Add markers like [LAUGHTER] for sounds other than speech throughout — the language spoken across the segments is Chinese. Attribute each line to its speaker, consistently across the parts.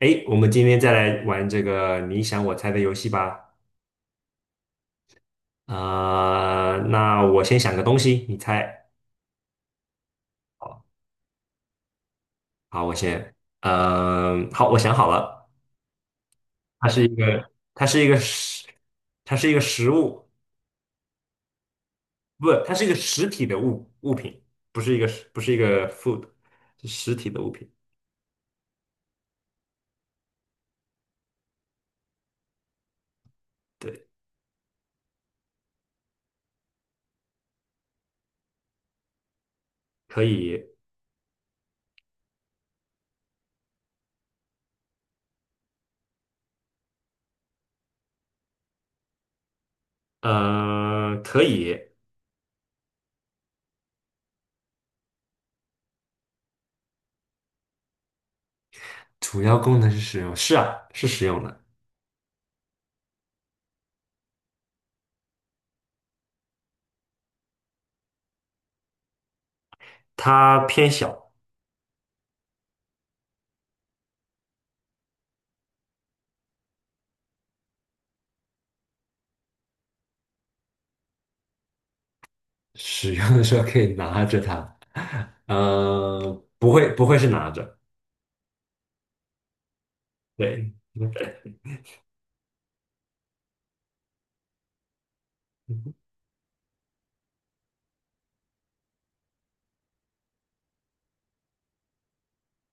Speaker 1: 哎，我们今天再来玩这个你想我猜的游戏吧。那我先想个东西，你猜。好，好，我先。好，我想好了，它是一个，它是一个食，它是一个食物，不，它是一个实体的物品，不是一个，不是一个 food，是实体的物品。对，可以，可以。主要功能是食用，是啊，是食用的。它偏小，使用的时候可以拿着它，嗯，不会是拿着，对，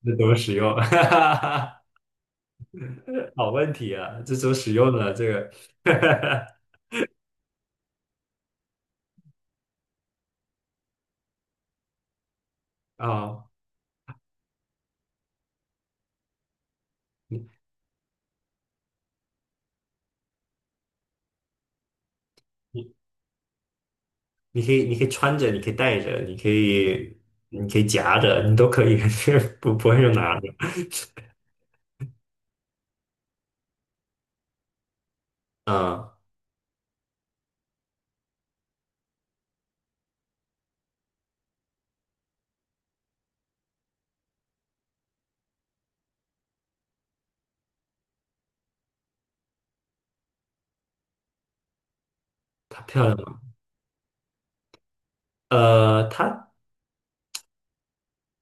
Speaker 1: 那怎么使用？[LAUGHS] 好问题啊，这怎么使用呢？这个 [LAUGHS] 啊，你你可以穿着，你可以戴着，你可以夹着，你都可以，[LAUGHS] 不会用拿着。嗯，它漂亮吗？呃，它。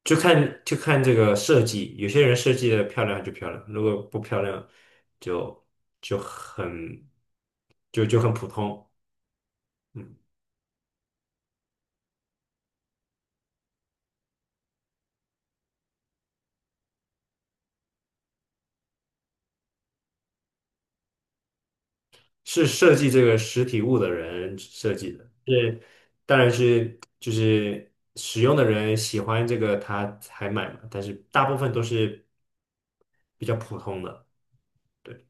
Speaker 1: 就看这个设计，有些人设计的漂亮就漂亮，如果不漂亮就就很就很普通。嗯，是设计这个实体物的人设计的，当然就是使用的人喜欢这个他才买嘛，但是大部分都是比较普通的，对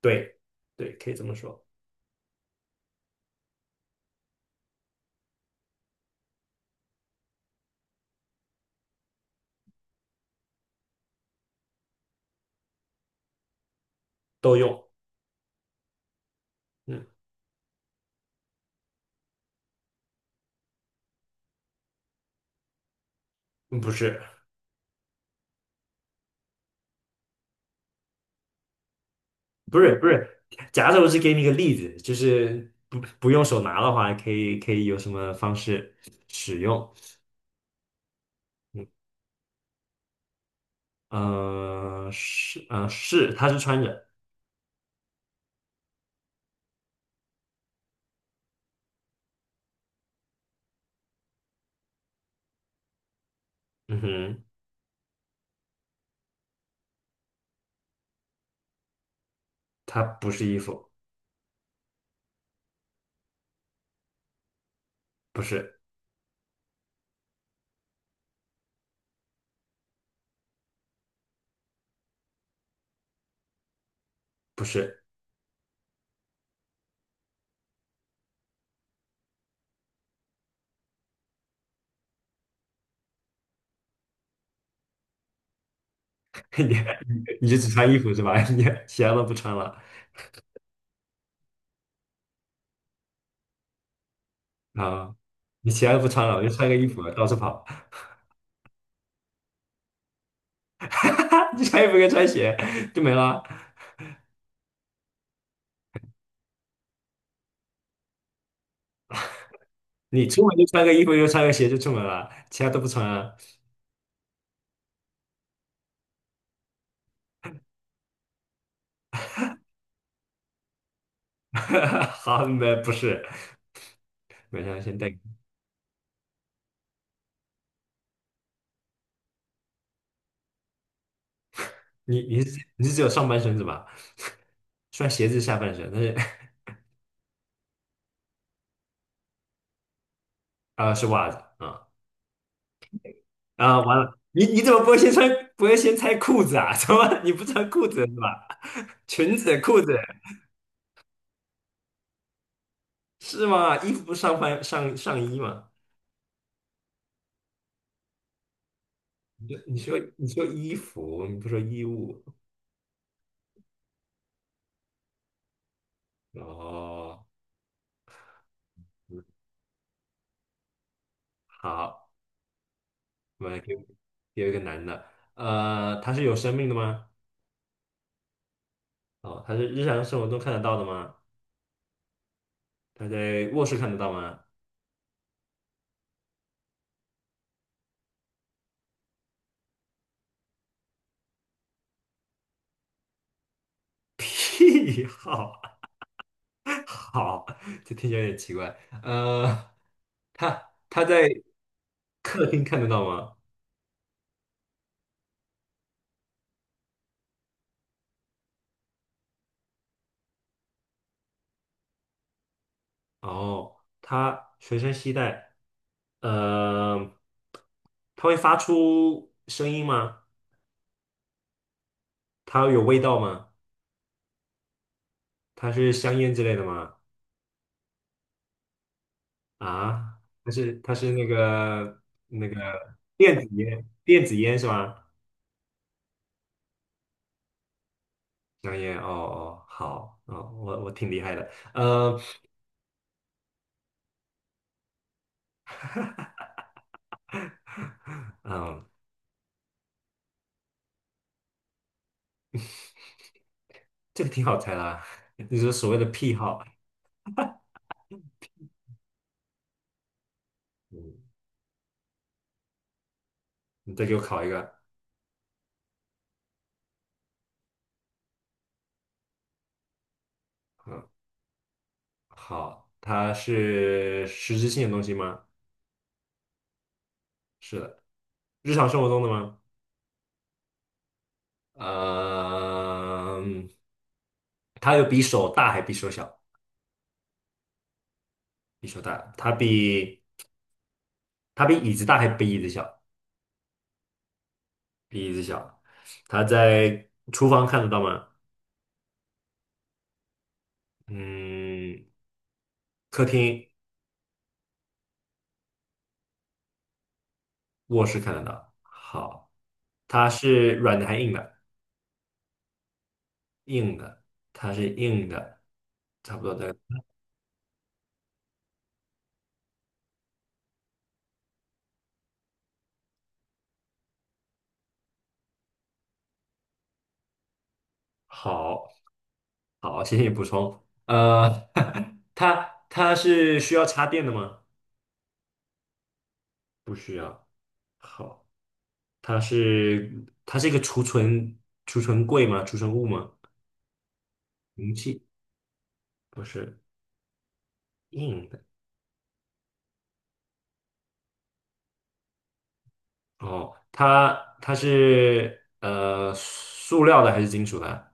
Speaker 1: 对对，可以这么说，都用。嗯，不是。不是，假设我是给你一个例子，就是不用手拿的话，可以有什么方式使用？是，它是穿着，嗯哼，它不是衣服，不是不是，[LAUGHS] 你你就只穿衣服是吧？[LAUGHS] 你其他都不穿了啊？你其他都不穿了，我就穿个衣服到处跑，[LAUGHS] 你穿衣服跟穿鞋就没了。你出门就穿个衣服，就穿个鞋就出门了，其他都不穿啊。[LAUGHS] 好，没不是，没事，先带。你是只有上半身是吧？穿鞋子是下半身，但是 [LAUGHS] 啊是袜子啊啊完了，你怎么不会先穿不会先拆裤子啊？[LAUGHS] 怎么你不穿裤子是吧？[LAUGHS] 裙子裤子是吗？衣服不是上半上上衣吗？你说衣服，你不说衣物哦。嗯好，我们有给给一个男的，他是有生命的吗？哦，他是日常生活中看得到的吗？他在卧室看得到吗？[LAUGHS] 屁好。[LAUGHS] 好，这听起来有点奇怪。呃，他在客厅看得到吗？哦，他随身携带。呃，他会发出声音吗？它有味道吗？它是香烟之类的吗？啊，它是那个电子烟，电子烟是吗？香烟，哦，好，哦，我挺厉害的。嗯，这个挺好猜啦，[LAUGHS] 你说所谓的癖好。嗯你再给我考一个，嗯，好，它是实质性的东西吗？是的，日常生活中的吗？呃嗯。它有比手大还比手小？比手大，它比椅子大还比椅子小？比椅子小。它在厨房看得到吗？嗯，客厅、卧室看得到。好，它是软的还硬的？硬的，它是硬的，差不多的。好，好，谢谢你补充。呃，[LAUGHS] 它是需要插电的吗？不需要。好，它是一个储存柜吗？储存物吗？容器不是硬的。哦，它是呃塑料的还是金属的？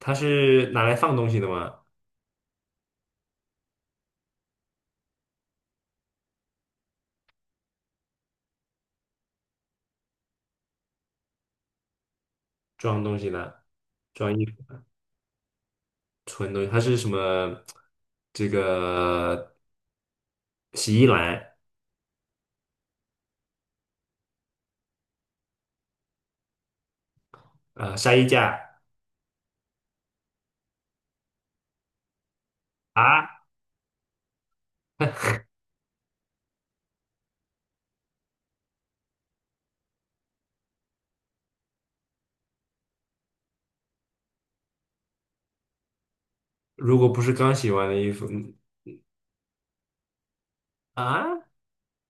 Speaker 1: 它是拿来放东西的吗？装东西的，装衣服、存东西，它是什么？这个洗衣篮，呃，晒衣架。啊，如果不是刚洗完的衣服，嗯啊，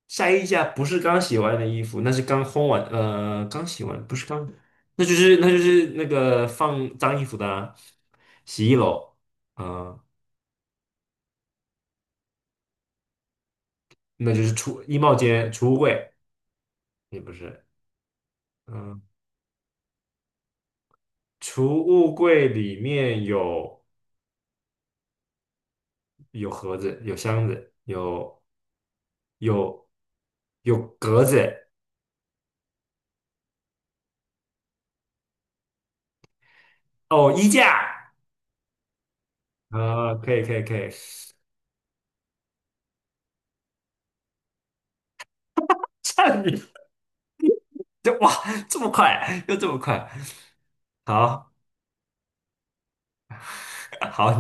Speaker 1: 晒衣架不是刚洗完的衣服，那是刚烘完，呃，刚洗完，不是刚，那就是那个放脏衣服的啊洗衣篓，嗯、那就是储衣帽间、储物柜，也不是，嗯、储物柜里面有有盒子、有箱子、有有格子，哦，衣架，啊、可以，[LAUGHS] 差点就哇，这么快，又这么快，好 [LAUGHS] 好，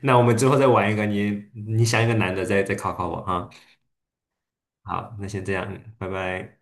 Speaker 1: 那我们之后再玩一个，你想一个难的再考考我啊。好，那先这样，拜拜。